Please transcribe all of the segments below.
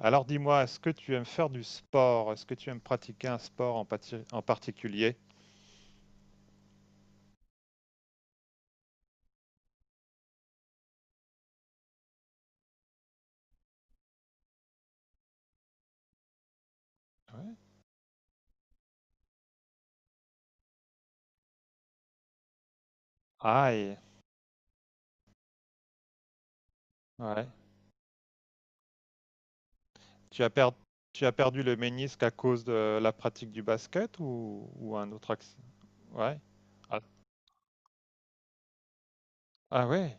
Alors dis-moi, est-ce que tu aimes faire du sport? Est-ce que tu aimes pratiquer un sport en particulier? Ouais. Aïe, ouais. Tu as per- tu as perdu le ménisque à cause de la pratique du basket ou un autre accident? Ouais. Ah, ah ouais,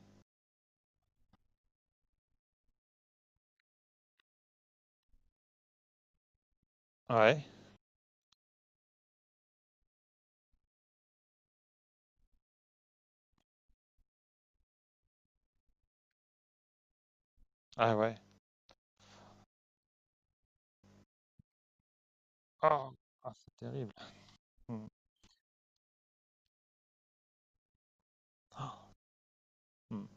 ouais, ah ouais. Oh, ah, c'est terrible. Hmm. Ah, hmm,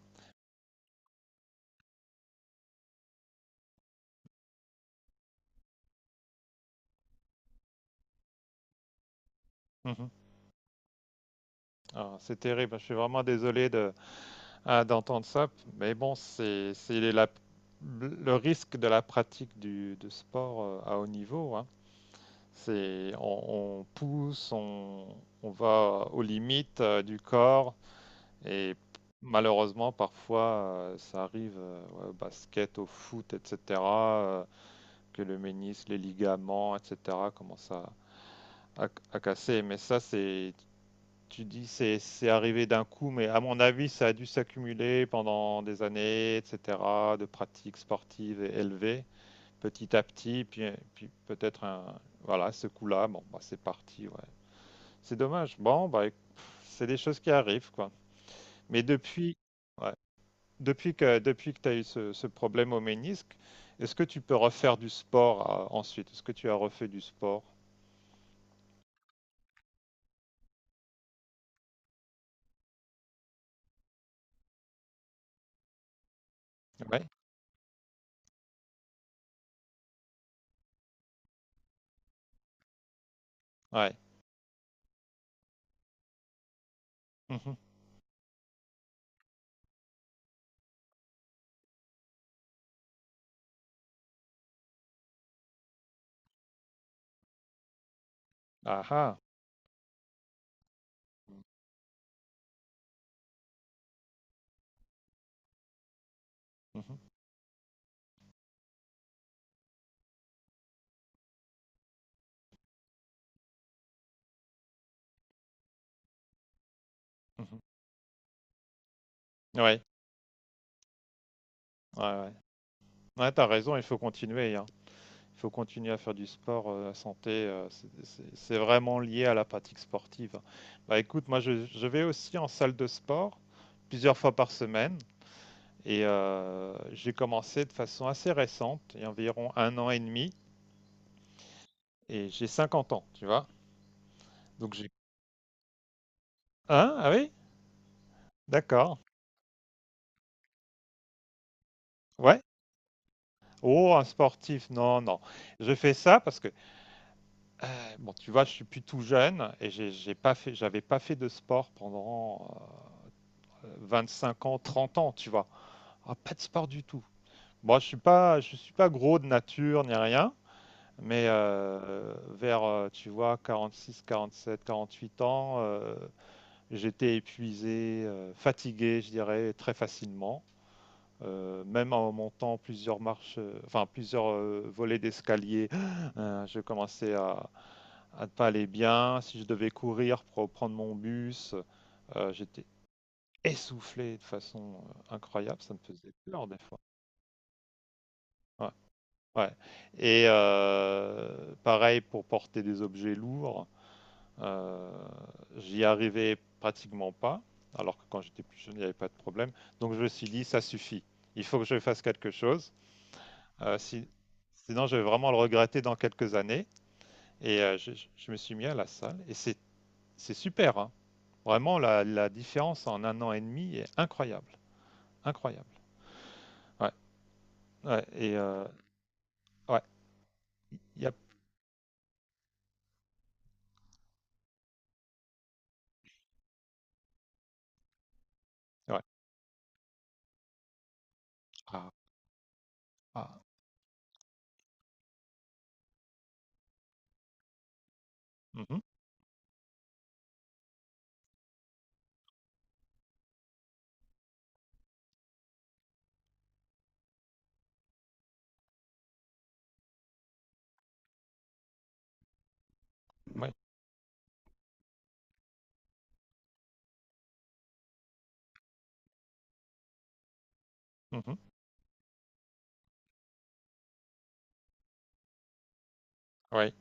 mhm. Ah, c'est terrible, je suis vraiment désolé de, ah, d'entendre ça, mais bon, c'est le risque de la pratique de sport à haut niveau, hein. On pousse, on va aux limites du corps et malheureusement parfois ça arrive, ouais, au basket, au foot, etc., que le ménisque, les ligaments, etc. commencent à casser. Mais ça, tu dis, c'est arrivé d'un coup, mais à mon avis, ça a dû s'accumuler pendant des années, etc. de pratiques sportives et élevées, petit à petit, puis peut-être voilà, ce coup-là, bon, bah, c'est parti, ouais. C'est dommage. Bon, bah, pff, c'est des choses qui arrivent, quoi. Mais depuis, ouais, depuis que tu as eu ce problème au ménisque, est-ce que tu peux refaire du sport ensuite? Est-ce que tu as refait du sport? Ouais. Ouais. Mhm. Ah ah. Mhm. Mhm. Ouais. Ouais, ouais. Ouais, t'as raison, il faut continuer, hein. Il faut continuer à faire du sport, la santé, c'est vraiment lié à la pratique sportive, hein. Bah écoute, moi je vais aussi en salle de sport plusieurs fois par semaine. Et j'ai commencé de façon assez récente, il y a environ un an et demi, et j'ai 50 ans, tu vois. Donc j'ai... Hein? Ah oui? D'accord. Ouais. Oh, un sportif, non, non. Je fais ça parce que, bon, tu vois, je suis plus tout jeune et j'ai pas fait, j'avais pas fait de sport pendant 5 ans, 30 ans, tu vois. Ah, pas de sport du tout. Moi, je suis pas gros de nature ni rien, mais vers, tu vois, quarante quarante six sept quarante huit ans, j'étais épuisé, fatigué, je dirais, très facilement. Même en montant plusieurs marches, enfin plusieurs volets d'escalier, je commençais à ne pas aller bien. Si je devais courir pour prendre mon bus, j'étais essoufflé de façon incroyable. Ça me faisait peur des fois. Ouais, ouais. Et pareil pour porter des objets lourds. Euh, J'y arrivais pratiquement pas, alors que quand j'étais plus jeune, il n'y avait pas de problème. Donc je me suis dit, ça suffit. Il faut que je fasse quelque chose. Euh, si- sinon, je vais vraiment le regretter dans quelques années. Et je me suis mis à la salle. Et c'est super, hein. Vraiment, la différence en un an et demi est incroyable. Incroyable. Ouais. Ouais. Et ouais. Il y a- ouais. Ah. Ah. Mhm. Ouais. Mhm. Ouais.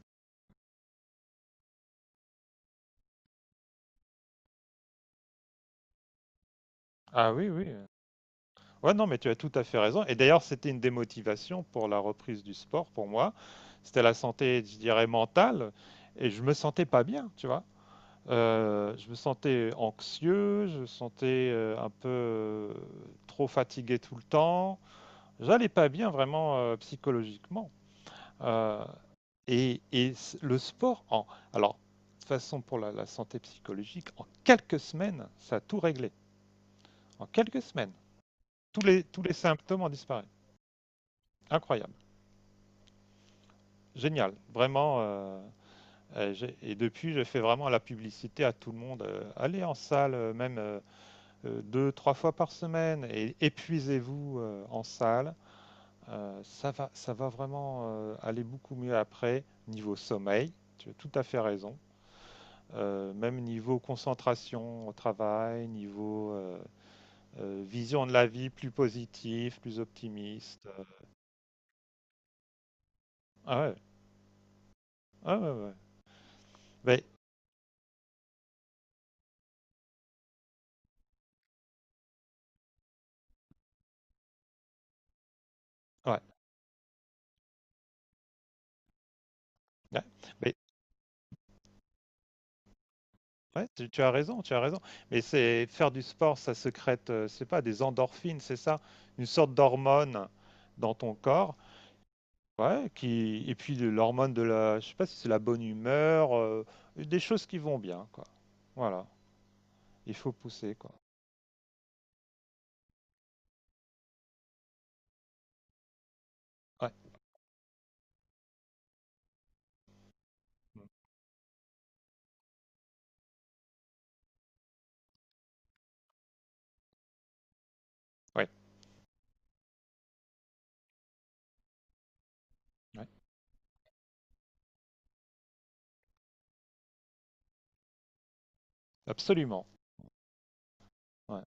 Ah oui, oui. Ouais, non, mais tu as tout à fait raison. Et d'ailleurs, c'était une démotivation pour la reprise du sport pour moi. C'était la santé, je dirais, mentale. Et je me sentais pas bien, tu vois. Je me sentais anxieux, je me sentais un peu trop fatigué tout le temps. J'allais pas bien vraiment psychologiquement. Euh, le sport, alors, de toute façon, pour la santé psychologique, en quelques semaines, ça a tout réglé. En quelques semaines, tous les symptômes ont disparu. Incroyable. Génial, vraiment. Et depuis, je fais vraiment la publicité à tout le monde. Allez en salle, même, deux, trois fois par semaine, et épuisez-vous en salle. Ça va, vraiment aller beaucoup mieux après, niveau sommeil. Tu as tout à fait raison. Même niveau concentration au travail, niveau vision de la vie plus positive, plus optimiste. Ah ouais, ah ouais, ouais, ouais. Mais- ouais, ouais. Ouais, tu as raison, tu as raison. Mais c'est faire du sport, ça secrète, c'est pas des endorphines, c'est ça, une sorte d'hormone dans ton corps, ouais, qui et puis de l'hormone de la, je sais pas si c'est la bonne humeur, des choses qui vont bien, quoi. Voilà, il faut pousser, quoi. Ouais, mm, ouais, ouais, absolument. Ouais,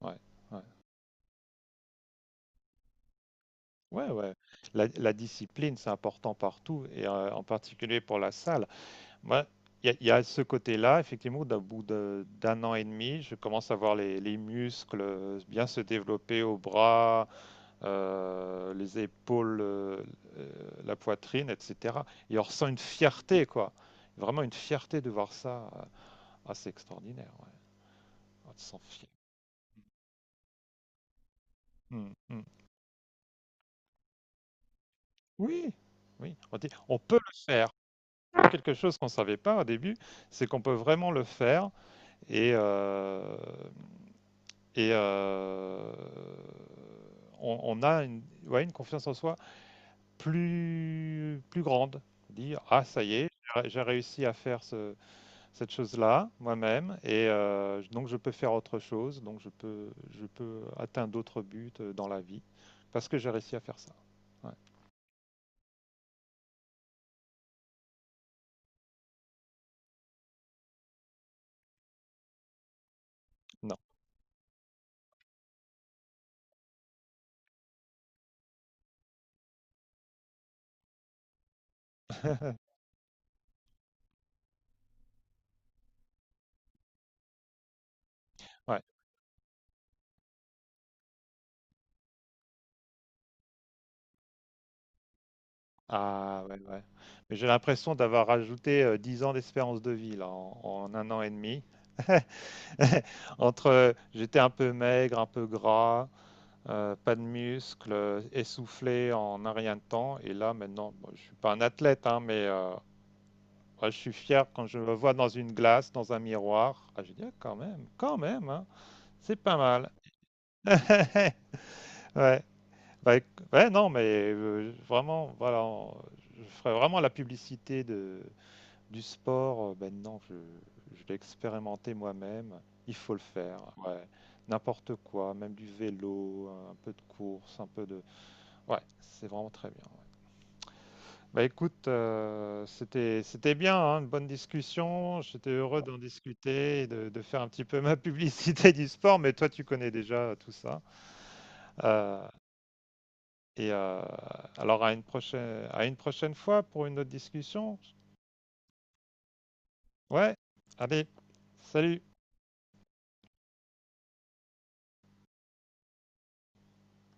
ouais, ouais, ouais, ouais. La discipline, c'est important partout et en particulier pour la salle. Ouais. Il y a ce côté-là, effectivement, d'un an et demi, je commence à voir les muscles bien se développer aux bras, les épaules, la poitrine, etc. Et on ressent une fierté, quoi. Vraiment une fierté de voir ça. Ah, c'est extraordinaire, ouais. On se sent fier. Mm, mm. Oui, oui. On dit, on peut le faire. Quelque chose qu'on ne savait pas au début, c'est qu'on peut vraiment le faire. Et euh, Et on a ouais, une confiance en soi plus grande. Dire, ah, ça y est, j'ai réussi à faire cette chose-là moi-même, et donc je peux faire autre chose, donc je peux atteindre d'autres buts dans la vie, parce que j'ai réussi à faire ça. Ouais. Non. Ouais. Ah, ouais, ouais. Mais j'ai l'impression d'avoir rajouté 10 ans d'espérance de vie, là, en un an et demi. Entre, j'étais un peu maigre, un peu gras, pas de muscles, essoufflé en un rien de temps. Et là, maintenant, bon, je suis pas un athlète, hein, mais ouais, je suis fier quand je me vois dans une glace, dans un miroir. Ah, je dis, ah, quand même, hein, c'est pas mal. Ouais, bah, ouais, non, mais vraiment, voilà, je ferais vraiment la publicité du sport, maintenant je l'ai expérimenté moi-même, il faut le faire, ouais. N'importe quoi, même du vélo, un peu de course, un peu de ouais, c'est vraiment très bien. Bah, écoute, c'était bien, hein, une bonne discussion, j'étais heureux d'en discuter et de faire un petit peu ma publicité du sport, mais toi tu connais déjà tout ça. Heu et alors, à une prochaine fois pour une autre discussion. Ouais, allez, salut!